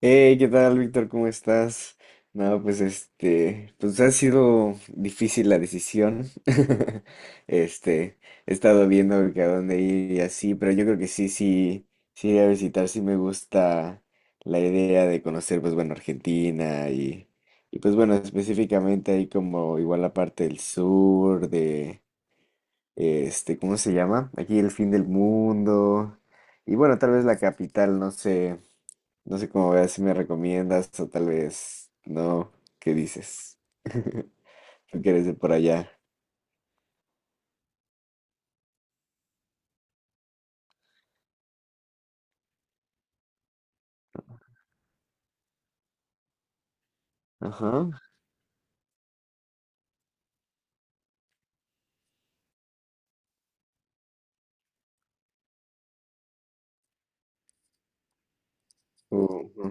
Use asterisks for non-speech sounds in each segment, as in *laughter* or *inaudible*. Hey, ¿qué tal, Víctor? ¿Cómo estás? No, pues ha sido difícil la decisión. *laughs* Este, He estado viendo que a dónde ir y así, pero yo creo que sí, sí, sí iré a visitar, sí me gusta la idea de conocer, pues bueno, Argentina y pues bueno, específicamente ahí como igual la parte del sur, de ¿cómo se llama? Aquí el fin del mundo. Y bueno, tal vez la capital, no sé. No sé cómo veas si me recomiendas o tal vez no. ¿Qué dices? *laughs* Tú que eres de por allá. Ajá. Uh, uh,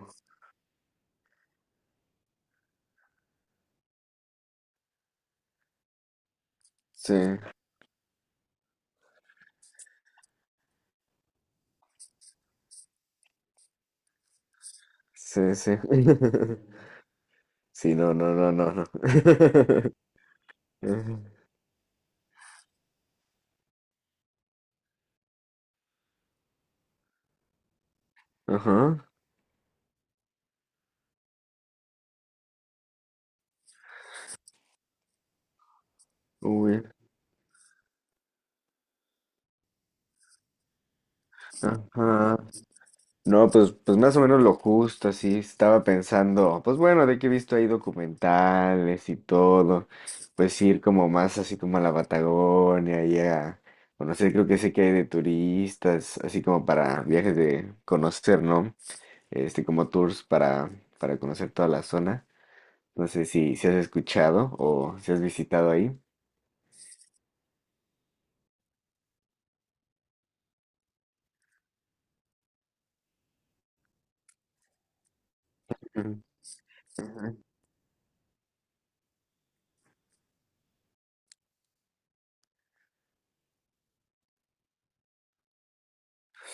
sí, sí, sí. *laughs* Sí, no, no, no, no, no. *laughs* Ajá. Ajá. Uy, ajá. No, pues más o menos lo justo, así estaba pensando, pues bueno, de que he visto ahí documentales y todo, pues ir como más así como a la Patagonia y a conocer, creo que sé que hay de turistas, así como para viajes de conocer, ¿no? Como tours para conocer toda la zona. No sé si has escuchado o si has visitado ahí. Ujú, ujú.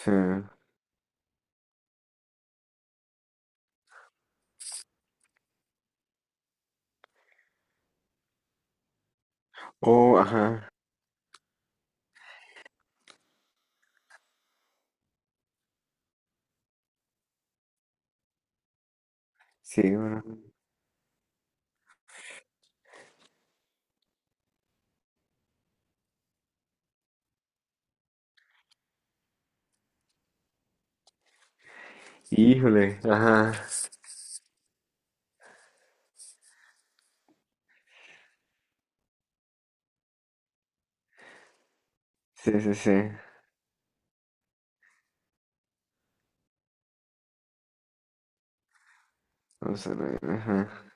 Sí. Oh, ajá. Sí, bueno. Híjole, ajá. Sí, sí, sí. Vamos a ver, ajá.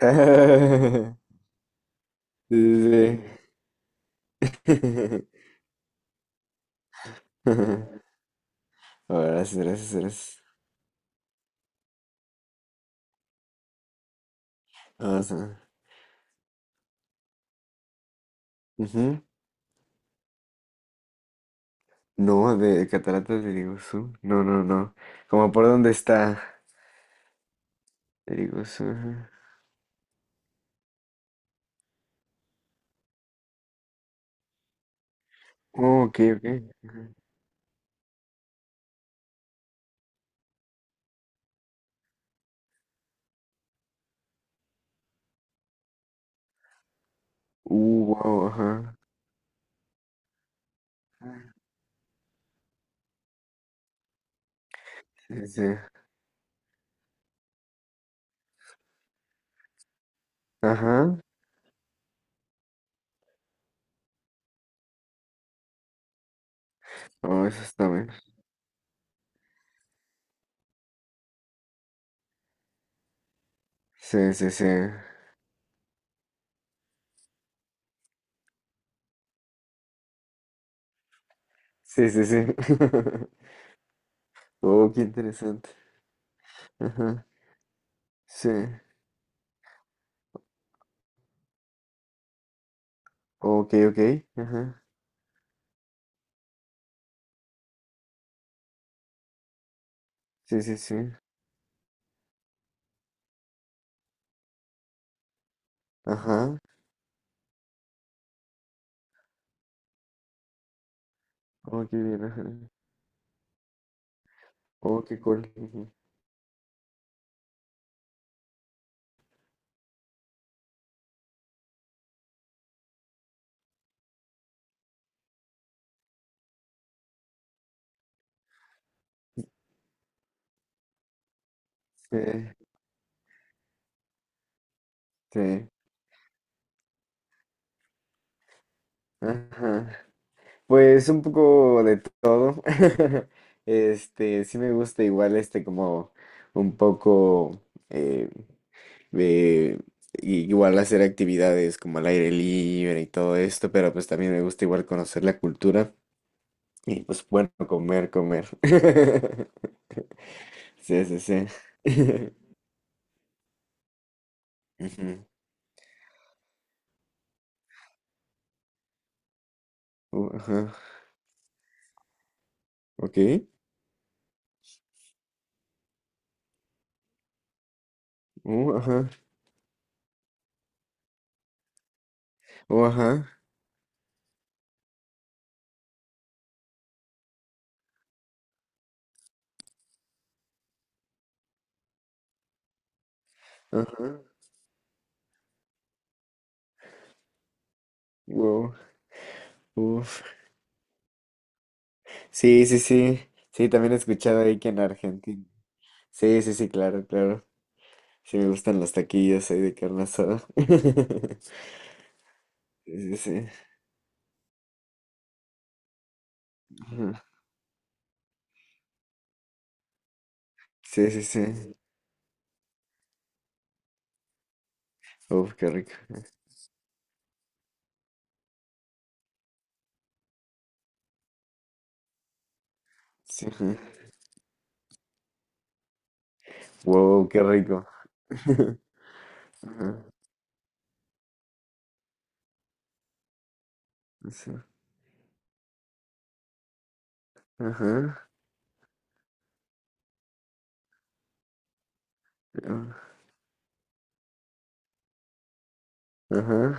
*laughs* Sí, sí, sí. *laughs* Ahora gracias, gracias, gracias. Vamos a ver. Ujú. No, de Cataratas de Iguazú. No, no, no. Como por dónde está el Iguazú. Ajá. Oh, ok, ok. Ajá. Wow, ajá. Sí, sí. Sí. Ajá. Oh, eso está bien. Sí, sí, sí. Sí, sí, sí. *laughs* Oh, qué interesante. Ajá. Sí. Ok, ok. Ajá. Sí, sí, sí. Ajá. Oh, qué bien, ajá. Oh, qué cool. Ujú. Eh, sí, ajá. Pues un poco de todo. *laughs* Sí me gusta igual como un poco eh, de igual hacer actividades como al aire libre y todo esto, pero pues también me gusta igual conocer la cultura y pues bueno, comer, comer. *laughs* Sí, sí, sí. *laughs* Ujú. Ajá. Ok. Ajá. Ajá. Ajá. Wow, uf. Sí, sí, sí. Sí, también he escuchado ahí que en Argentina. Sí, sí, sí, claro, claro. Sí, me gustan los taquillos ahí de carne asada. *laughs* Sí, sí, sí. Ajá. Sí, sí, sí. Uf, qué rico. Sí. Ajá. Wow, qué rico. *laughs* Ajá. Sí. Ajá. Ah, ajá.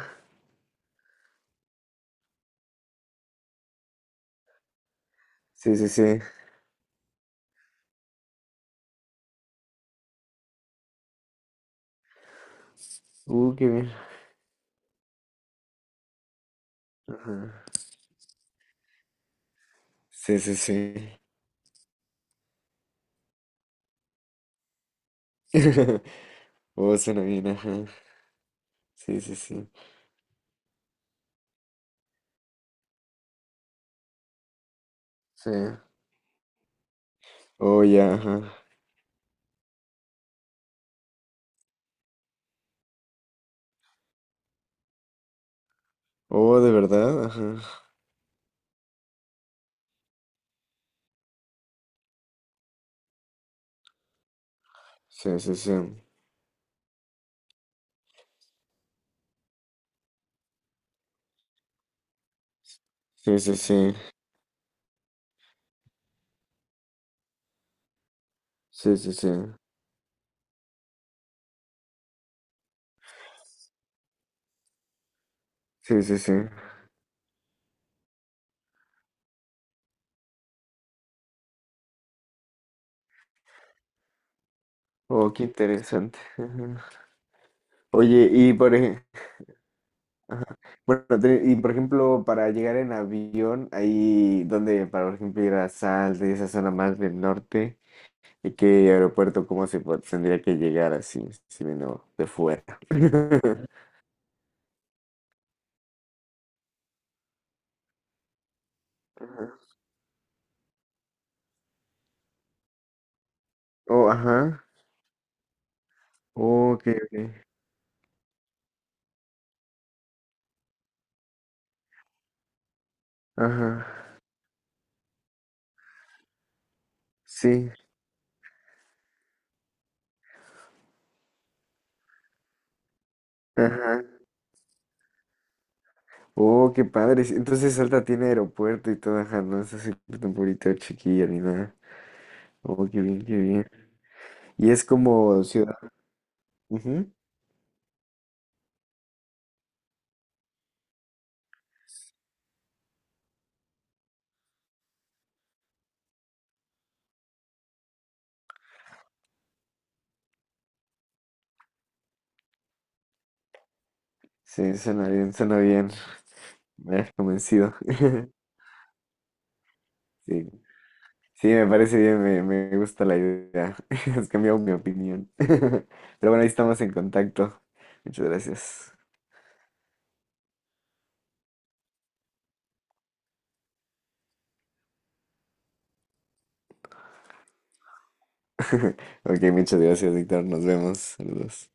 Sí, sí, sí. Qué bien. Ajá. Sí, sí, sí. *laughs* Oh, suena bien, ajá. Sí, sí, sí. Sí. Oh, ya, ajá. Oh, de verdad, ajá. Sí, sí, sí. Sí, sí, sí. Sí, sí, sí. Sí, sí, sí. Oh, qué interesante. Ajá. Oye, y por ejemplo, bueno, y por ejemplo, para llegar en avión, ahí donde, para por ejemplo, ir a Salta y esa zona más del norte, ¿y qué aeropuerto, tendría que llegar así, si vino de fuera? *laughs* Ajá. Oh, ajá. Oh, ok, ok. Ajá. Sí. Ajá. Oh, qué padre. Sí, entonces Salta tiene aeropuerto y todo, ajá, no es así tan bonito, chiquilla ni nada. Oh, qué bien, qué bien. Y es como ciudad. Ujú. Sí, suena bien, suena bien. Me has convencido. *laughs* Sí, sí, me parece bien, me gusta la idea. *laughs* Has cambiado mi opinión. *laughs* Pero bueno, ahí estamos en contacto. Muchas gracias. *laughs* Ok, muchas gracias, Víctor. Nos vemos. Saludos.